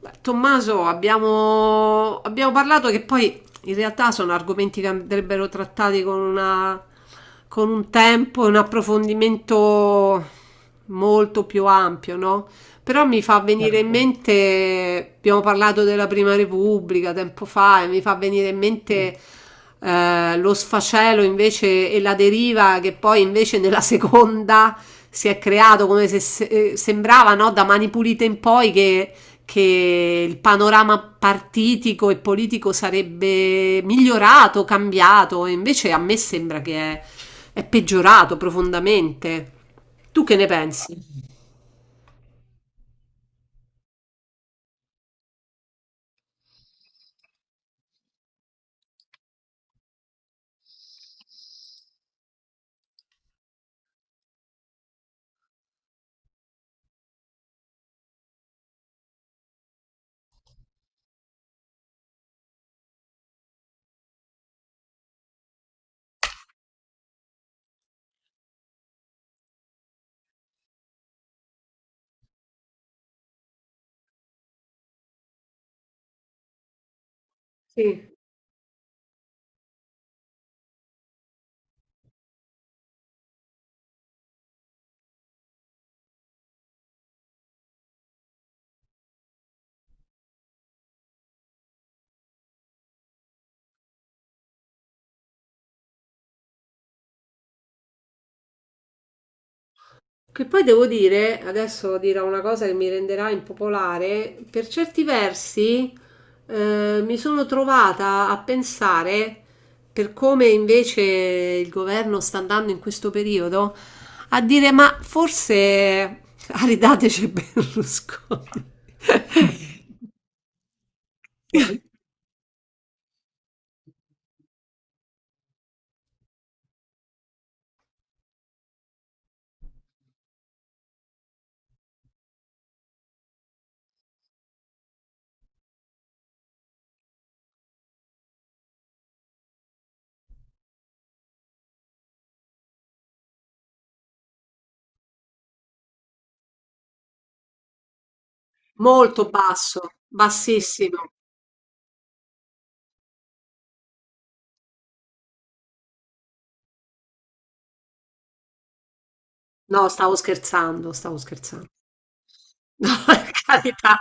Beh, Tommaso, abbiamo parlato che poi in realtà sono argomenti che andrebbero trattati con un tempo e un approfondimento molto più ampio, no? Però mi fa venire in mente, abbiamo parlato della Prima Repubblica tempo fa, e mi fa venire in mente lo sfacelo invece e la deriva che poi invece nella seconda si è creato come sembrava, no? Da Mani Pulite in poi che il panorama partitico e politico sarebbe migliorato, cambiato, e invece a me sembra che è peggiorato profondamente. Tu che ne pensi? Sì. Che poi devo dire, adesso dirò una cosa che mi renderà impopolare, per certi versi mi sono trovata a pensare, per come invece il governo sta andando in questo periodo, a dire ma forse aridateci Berlusconi. Molto basso, bassissimo. No, stavo scherzando, stavo scherzando. No, per carità.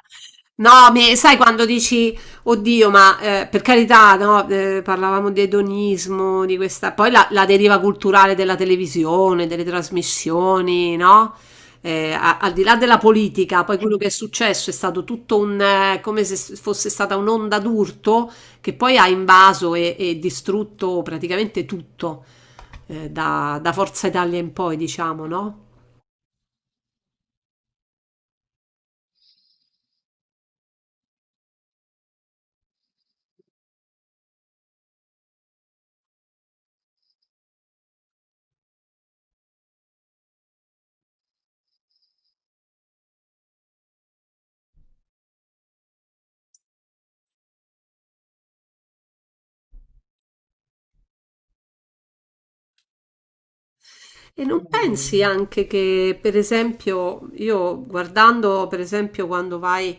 No, sai quando dici, oddio, ma per carità, no, parlavamo di edonismo, di questa, poi la deriva culturale della televisione, delle trasmissioni, no? Al di là della politica, poi quello che è successo è stato tutto un, come se fosse stata un'onda d'urto che poi ha invaso e distrutto praticamente tutto, da Forza Italia in poi, diciamo, no? E non pensi anche che, per esempio, io guardando, per esempio,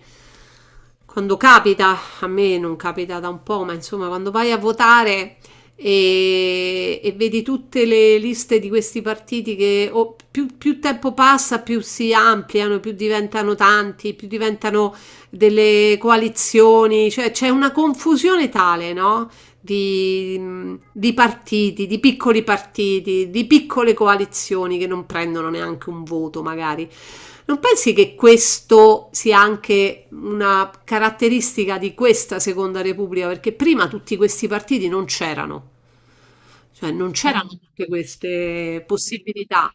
quando capita, a me non capita da un po', ma insomma, quando vai a votare e vedi tutte le liste di questi partiti che o più tempo passa, più si ampliano, più diventano tanti, più diventano delle coalizioni, cioè c'è una confusione tale, no? di, di partiti, di piccoli partiti, di piccole coalizioni che non prendono neanche un voto magari. Non pensi che questo sia anche una caratteristica di questa Seconda Repubblica? Perché prima tutti questi partiti non c'erano, cioè non c'erano tutte queste possibilità.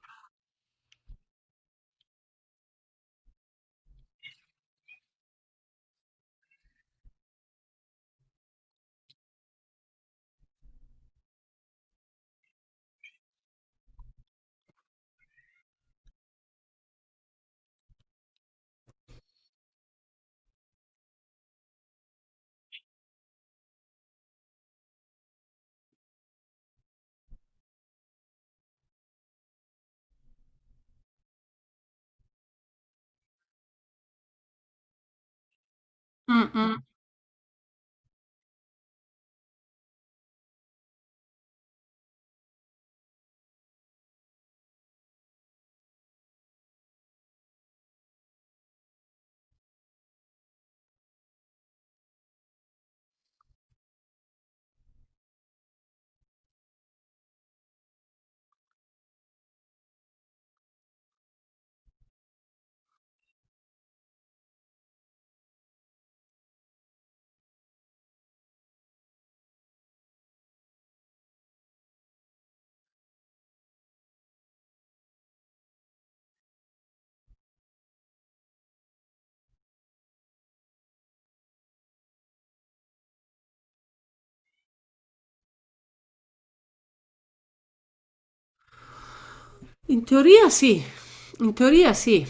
Mm, mm. In teoria sì, in teoria sì,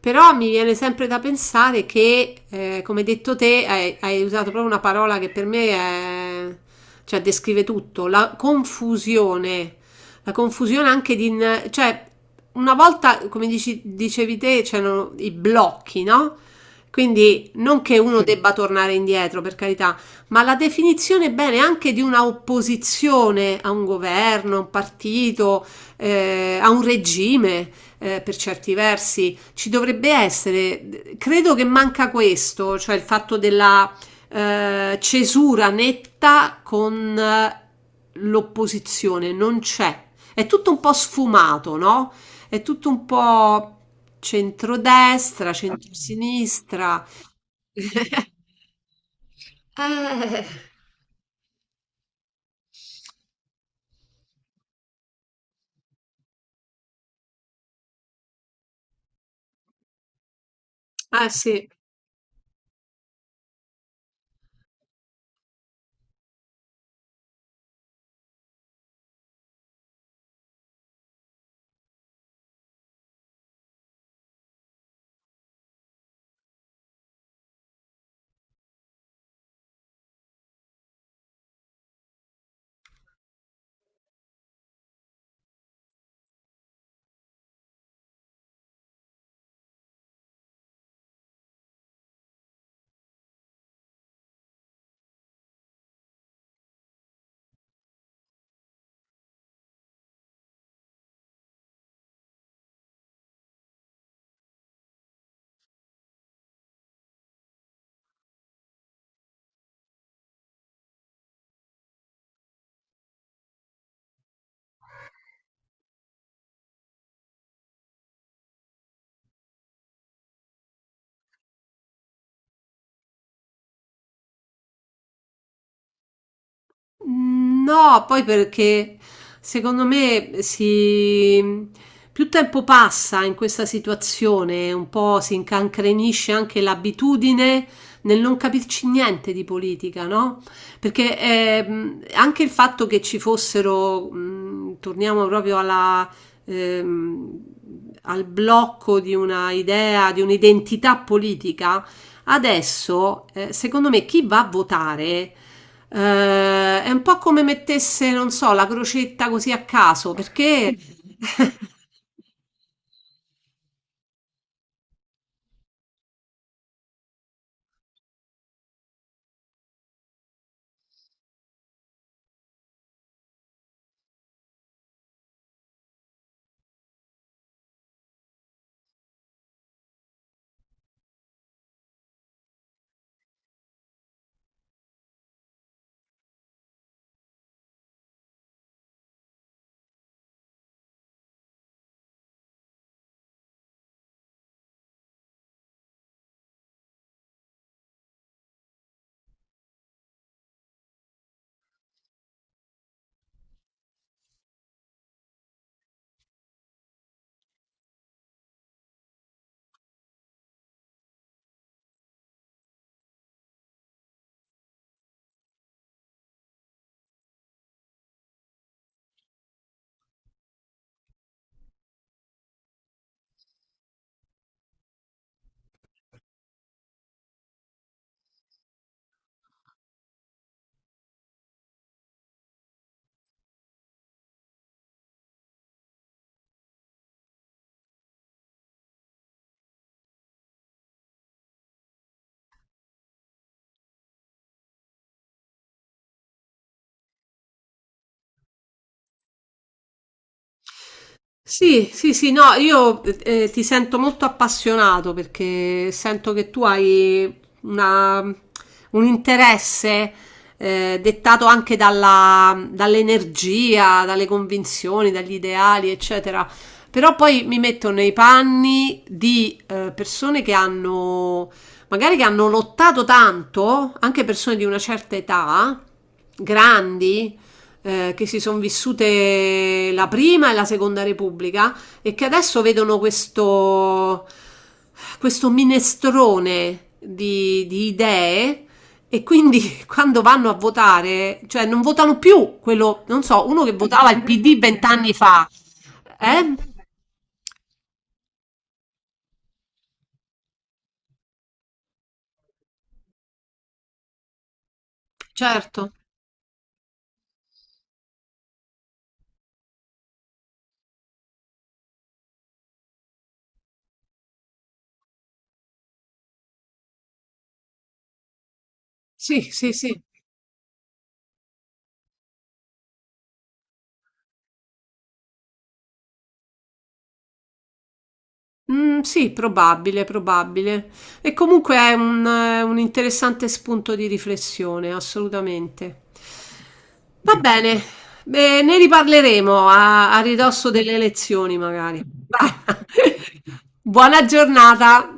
però mi viene sempre da pensare che, come hai detto te, hai usato proprio una parola che per me è, cioè, descrive tutto, la confusione anche cioè, una volta, come dicevi te, c'erano i blocchi, no? Quindi non che uno debba tornare indietro, per carità, ma la definizione bene anche di una opposizione a un governo, a un partito, a un regime, per certi versi. Ci dovrebbe essere, credo che manca questo, cioè il fatto della cesura netta con l'opposizione, non c'è. È tutto un po' sfumato, no? È tutto un po' centrodestra, centrosinistra. Eh, ah sì. No, poi perché secondo me più tempo passa in questa situazione, un po' si incancrenisce anche l'abitudine nel non capirci niente di politica, no? Perché anche il fatto che ci fossero, torniamo proprio ehm, al blocco di una idea, di un'identità politica, adesso, secondo me, chi va a votare è un po' come mettesse, non so, la crocetta così a caso, perché Sì, sì, sì, no, io ti sento molto appassionato perché sento che tu hai una- un interesse dettato anche dall'energia, dalle convinzioni, dagli ideali, eccetera. Però poi mi metto nei panni di persone che hanno, magari che hanno lottato tanto, anche persone di una certa età, grandi che si sono vissute la Prima e la Seconda Repubblica e che adesso vedono questo, minestrone di idee e quindi quando vanno a votare, cioè non votano più quello, non so, uno che votava il PD 20 anni fa, eh? Certo, sì, sì, sì. Mm, sì, probabile, probabile. E comunque è un interessante spunto di riflessione, assolutamente. Va bene, beh, ne riparleremo a ridosso delle elezioni, magari. Va. Buona giornata.